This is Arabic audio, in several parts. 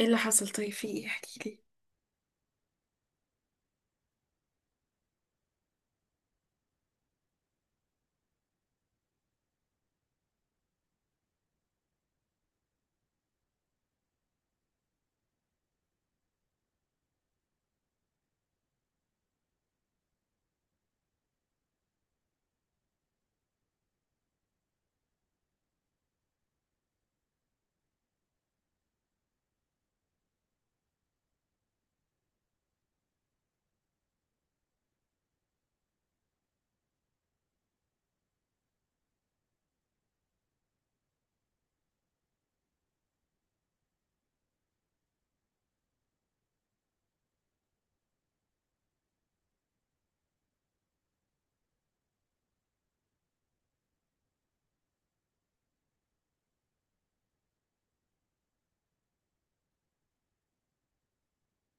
ايه اللي حصل؟ طيب، في ايه؟ احكي لي.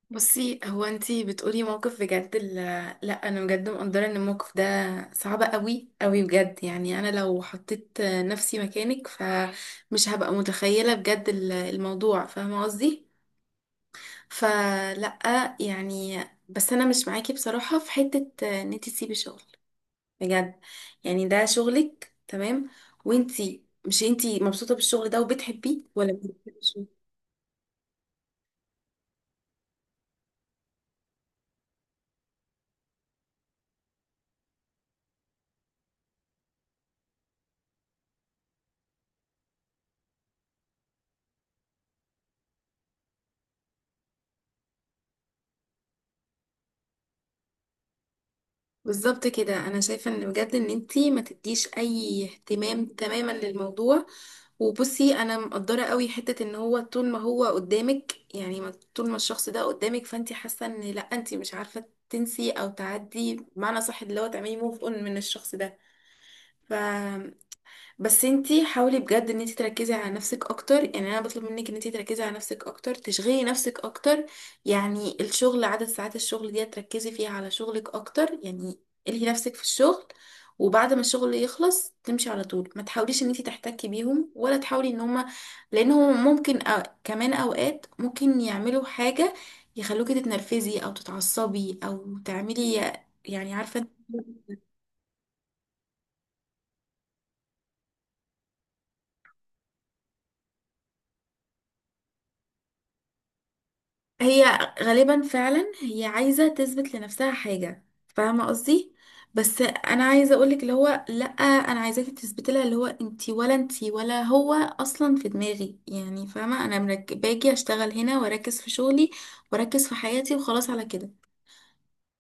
بصي، هو انتي بتقولي موقف بجد لا، انا بجد مقدره ان الموقف ده صعب قوي قوي بجد. يعني انا لو حطيت نفسي مكانك فمش هبقى متخيله بجد الموضوع، فاهمه قصدي؟ فلا يعني، بس انا مش معاكي بصراحه في حته ان انتي تسيبي شغل. بجد، يعني ده شغلك، تمام. وانتي مش، انتي مبسوطه بالشغل ده وبتحبيه ولا بتحبيه؟ بالظبط كده، انا شايفه ان بجد ان انتي ما تديش اي اهتمام تماما للموضوع. وبصي، انا مقدره قوي حته ان هو طول ما هو قدامك، يعني طول ما الشخص ده قدامك، فانتي حاسه ان لا، انتي مش عارفه تنسي او تعدي بمعنى صح، اللي هو تعملي موف اون من الشخص ده. بس انتي حاولي بجد ان انتي تركزي على نفسك اكتر، يعني انا بطلب منك ان انتي تركزي على نفسك اكتر، تشغلي نفسك اكتر. يعني الشغل، عدد ساعات الشغل دي تركزي فيها على شغلك اكتر. يعني الهي نفسك في الشغل. وبعد ما الشغل يخلص تمشي على طول، ما تحاوليش ان انتي تحتكي بيهم ولا تحاولي ان هما، لانهم ممكن كمان اوقات ممكن يعملوا حاجة يخلوكي تتنرفزي او تتعصبي او تعملي، يعني عارفة. هي غالبا فعلا هي عايزة تثبت لنفسها حاجة، فاهمة قصدي. بس انا عايزة اقولك اللي هو لا، انا عايزاكي تثبتي لها اللي هو انتي، ولا انتي ولا هو اصلا في دماغي، يعني فاهمة. انا باجي اشتغل هنا واركز في شغلي، واركز في حياتي وخلاص على كده.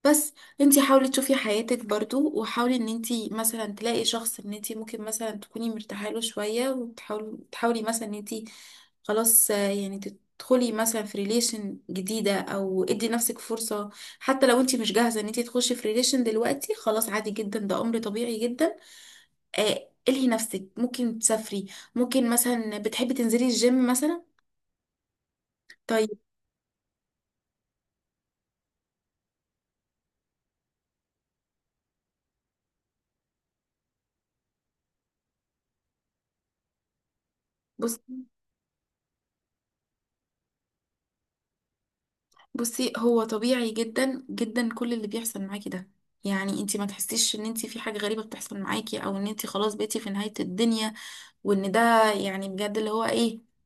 بس انتي حاولي تشوفي حياتك برضو، وحاولي ان انتي مثلا تلاقي شخص ان انتي ممكن مثلا تكوني مرتاحه له شويه، وتحاولي مثلا ان انتي خلاص، يعني تدخلي مثلا في ريليشن جديده او ادي نفسك فرصه. حتى لو انتي مش جاهزه ان انتي تخشي في ريليشن دلوقتي، خلاص عادي جدا، ده امر طبيعي جدا. الهي نفسك، ممكن تسافري، ممكن مثلا بتحبي تنزلي الجيم مثلا. طيب. بصي بصي هو طبيعي جدا جدا كل اللي بيحصل معاكي ده. يعني انتي ما تحسيش ان انتي في حاجة غريبة بتحصل معاكي، او ان انتي خلاص بقيتي في نهاية الدنيا، وان ده يعني بجد اللي هو ايه،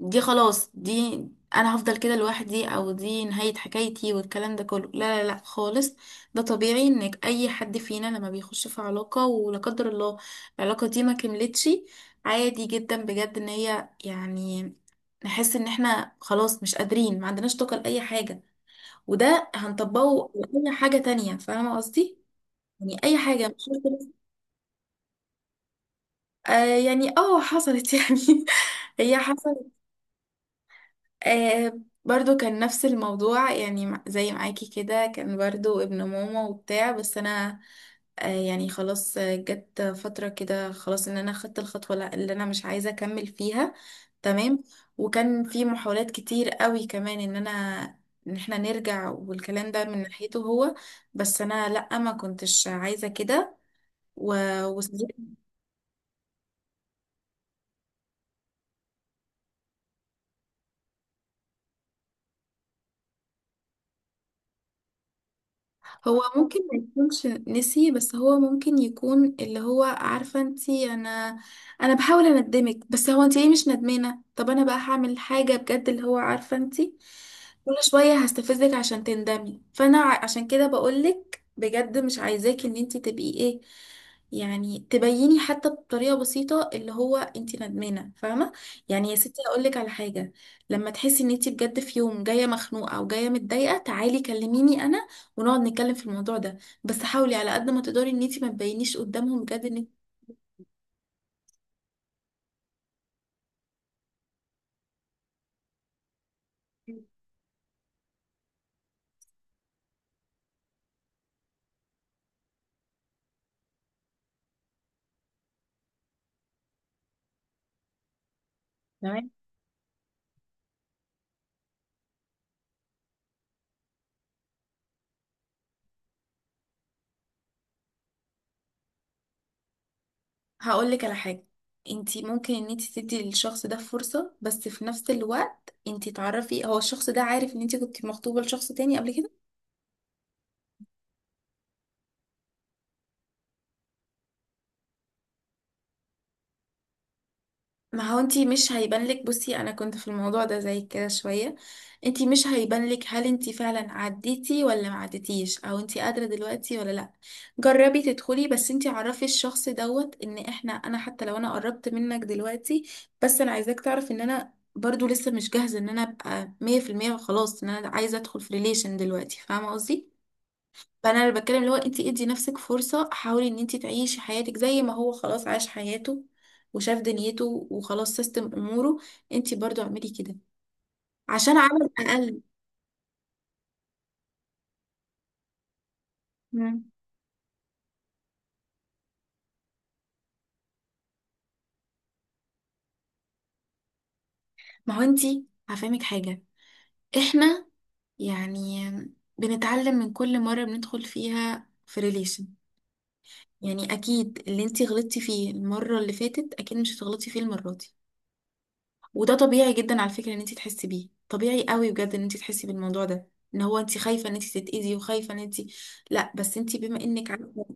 دي خلاص، دي انا هفضل كده لوحدي، او دي نهاية حكايتي، والكلام ده كله، لا لا لا خالص. ده طبيعي، انك اي حد فينا لما بيخش في علاقة ولا قدر الله العلاقة دي ما كملتش، عادي جدا بجد، ان هي، يعني نحس ان احنا خلاص مش قادرين، ما عندناش طاقة لأي حاجة. وده هنطبقه لأي حاجة تانية، فاهمة قصدي؟ يعني أي حاجة مش شرط. يعني حصلت يعني هي حصلت. آه برضو كان نفس الموضوع، يعني زي معاكي كده، كان برضو ابن ماما وبتاع. بس انا يعني خلاص، جت فترة كده خلاص ان انا خدت الخطوة اللي انا مش عايزة اكمل فيها. تمام. وكان في محاولات كتير قوي كمان ان احنا نرجع، والكلام ده من ناحيته هو، بس انا لا، ما كنتش عايزة كده و... هو ممكن ما يكونش نسي، بس هو ممكن يكون اللي هو عارفة انتي. انا بحاول اندمك، بس هو انتي ليه مش ندمانة؟ طب انا بقى هعمل حاجة بجد اللي هو عارفة انتي، كل شوية هستفزك عشان تندمي. فانا عشان كده بقولك بجد، مش عايزاكي ان انتي تبقي ايه، يعني تبيني حتى بطريقة بسيطة اللي هو انتي ندمانة، فاهمة. يعني يا ستي اقولك على حاجة، لما تحسي ان انتي بجد في يوم جاية مخنوقة او جاية متضايقة، تعالي كلميني انا ونقعد نتكلم في الموضوع ده. بس حاولي على قد ما تقدري ان انتي ما تبينيش قدامهم بجد ان انتي. تمام، هقول لك على حاجه. انتي ممكن ان انتي تدي للشخص ده فرصه، بس في نفس الوقت انتي تعرفي هو الشخص ده عارف ان انتي كنت مخطوبه لشخص تاني قبل كده. ما هو انتي مش هيبان لك، بصي انا كنت في الموضوع ده زي كده شوية. انتي مش هيبان لك هل انتي فعلا عديتي ولا ما عديتيش، او انتي قادرة دلوقتي ولا لا. جربي تدخلي، بس انتي عرفي الشخص دوت ان انا، حتى لو انا قربت منك دلوقتي، بس انا عايزاك تعرف ان انا برضو لسه مش جاهزة ان انا ابقى 100% وخلاص، ان انا عايزة ادخل في ريليشن دلوقتي، فاهمة قصدي. فانا اللي بتكلم اللي هو، انت ادي نفسك فرصه، حاولي ان انت تعيشي حياتك زي ما هو خلاص عاش حياته وشاف دنيته وخلاص سيستم اموره. انت برضو اعملي كده، عشان عمل اقل. مم. ما هو انت، هفهمك حاجه، احنا يعني بنتعلم من كل مره بندخل فيها في ريليشن. يعني اكيد اللي انت غلطتي فيه المره اللي فاتت اكيد مش هتغلطي فيه المره دي، وده طبيعي جدا على فكرة ان انت تحسي بيه، طبيعي قوي بجد ان انت تحسي بالموضوع ده، ان هو انت خايفة ان انت تتأذي وخايفة ان انت، لا بس انت بما انك عارفة.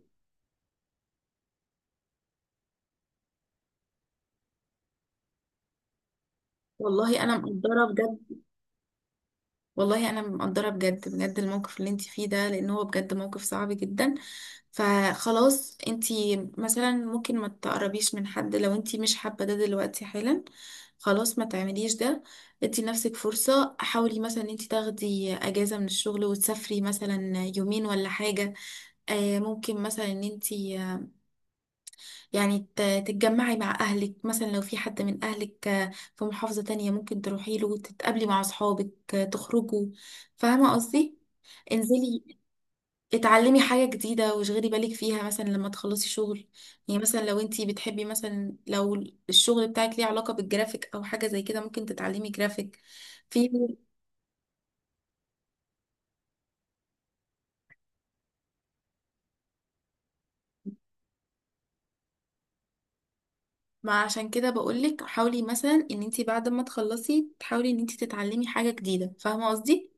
والله انا مقدرة بجد والله انا مقدرة بجد بجد الموقف اللي انت فيه ده، لان هو بجد موقف صعب جدا. فخلاص انت، مثلا ممكن ما تقربيش من حد لو انت مش حابة ده دلوقتي حالا، خلاص ما تعمليش ده. ادي نفسك فرصة، حاولي مثلا ان انت تاخدي اجازة من الشغل وتسافري مثلا يومين ولا حاجة. ممكن مثلا ان انتي يعني تتجمعي مع اهلك، مثلا لو في حد من اهلك في محافظة تانية ممكن تروحي له، تتقابلي مع اصحابك، تخرجوا، فاهمة قصدي. انزلي، اتعلمي حاجة جديدة واشغلي بالك فيها مثلا لما تخلصي شغل. يعني مثلا لو انتي بتحبي، مثلا لو الشغل بتاعك ليه علاقة بالجرافيك او حاجة زي كده ممكن تتعلمي جرافيك. في ما عشان كده بقولك حاولي مثلا ان انتي بعد ما تخلصي تحاولي ان انتي تتعلمي حاجة جديدة، فاهمة قصدي.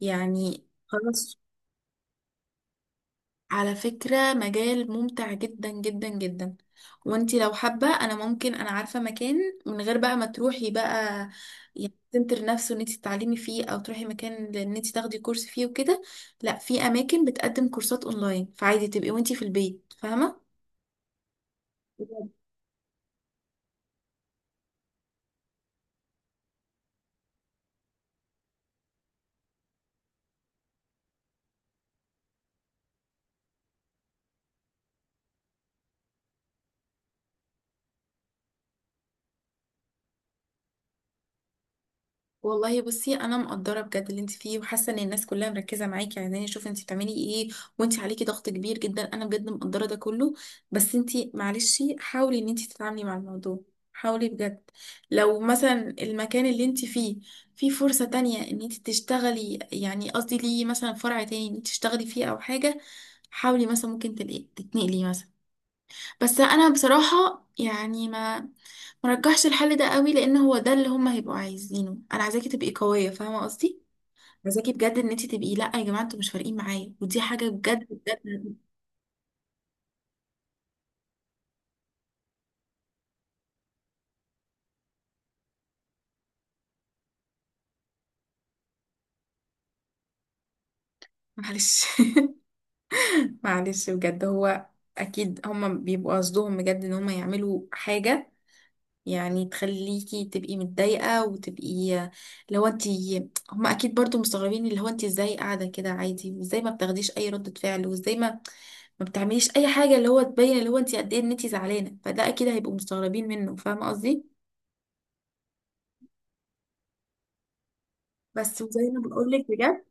يعني خلاص. على فكرة مجال ممتع جدا جدا جدا، وانتي لو حابة، انا عارفة مكان، من غير بقى ما تروحي بقى يعني سنتر نفسه ان انتي تتعلمي فيه، او تروحي مكان ان انتي تاخدي كورس فيه وكده. لا، في اماكن بتقدم كورسات اونلاين، فعادي تبقي وانتي في البيت، فاهمة. والله بصي، انا مقدره بجد اللي انت فيه، وحاسه ان الناس كلها مركزه معاكي، عايزاني اشوف انت بتعملي ايه، وانت عليكي ضغط كبير جدا، انا بجد مقدره ده كله. بس انت معلش، حاولي ان انت تتعاملي مع الموضوع، حاولي بجد. لو مثلا المكان اللي انت فيه فيه فرصه تانية ان انت تشتغلي، يعني قصدي ليه مثلا فرع تاني ان انت تشتغلي فيه او حاجه، حاولي مثلا، ممكن تلاقي تتنقلي مثلا. بس انا بصراحه يعني ما مرجحش الحل ده قوي، لان هو ده اللي هما هيبقوا عايزينه. انا عايزاكي تبقي قويه، فاهمه قصدي، عايزاكي بجد ان انت تبقي لا يا جماعه انتوا مش فارقين معايا، ودي حاجه بجد بجد. معلش. معلش بجد، هو اكيد هما بيبقوا قصدهم بجد ان هما يعملوا حاجه، يعني تخليكي تبقي متضايقه وتبقي اللي هو انت. هما اكيد برضو مستغربين اللي هو انت ازاي قاعده كده عادي، وازاي ما بتاخديش اي ردة فعل، وازاي ما بتعمليش اي حاجه اللي هو تبين اللي هو انت قد ايه ان انت زعلانه، فده اكيد هيبقوا مستغربين منه، فاهمه قصدي. بس وزي ما بقول لك بجد،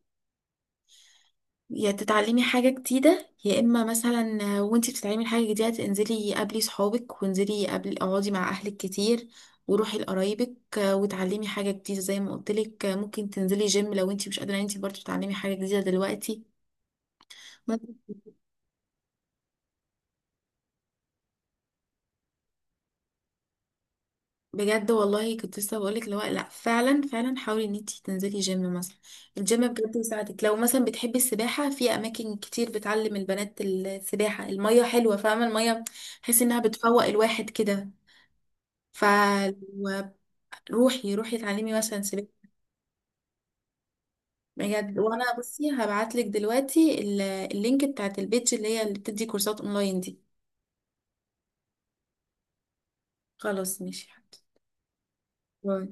يا تتعلمي حاجه جديده يا اما مثلا وانت بتتعلمي حاجه جديده انزلي قابلي صحابك، وانزلي قابلي اقعدي مع اهلك كتير، وروحي لقرايبك وتعلمي حاجه جديده زي ما قلت لك، ممكن تنزلي جيم لو انت مش قادره ان انت برضه تتعلمي حاجه جديده دلوقتي. بجد والله كنت لسه بقولك اللي هو لا، فعلا فعلا حاولي ان انتي تنزلي جيم مثلا. الجيم بجد يساعدك، لو مثلا بتحبي السباحة، في اماكن كتير بتعلم البنات السباحة. المية حلوة، فاهمة. المية تحسي انها بتفوق الواحد كده. فروحي. روحي اتعلمي مثلا سباحة. بجد وانا، بصي هبعتلك دلوقتي اللينك بتاعت البيج اللي هي اللي بتدي كورسات اونلاين دي. خلاص ماشي حاضر. باي.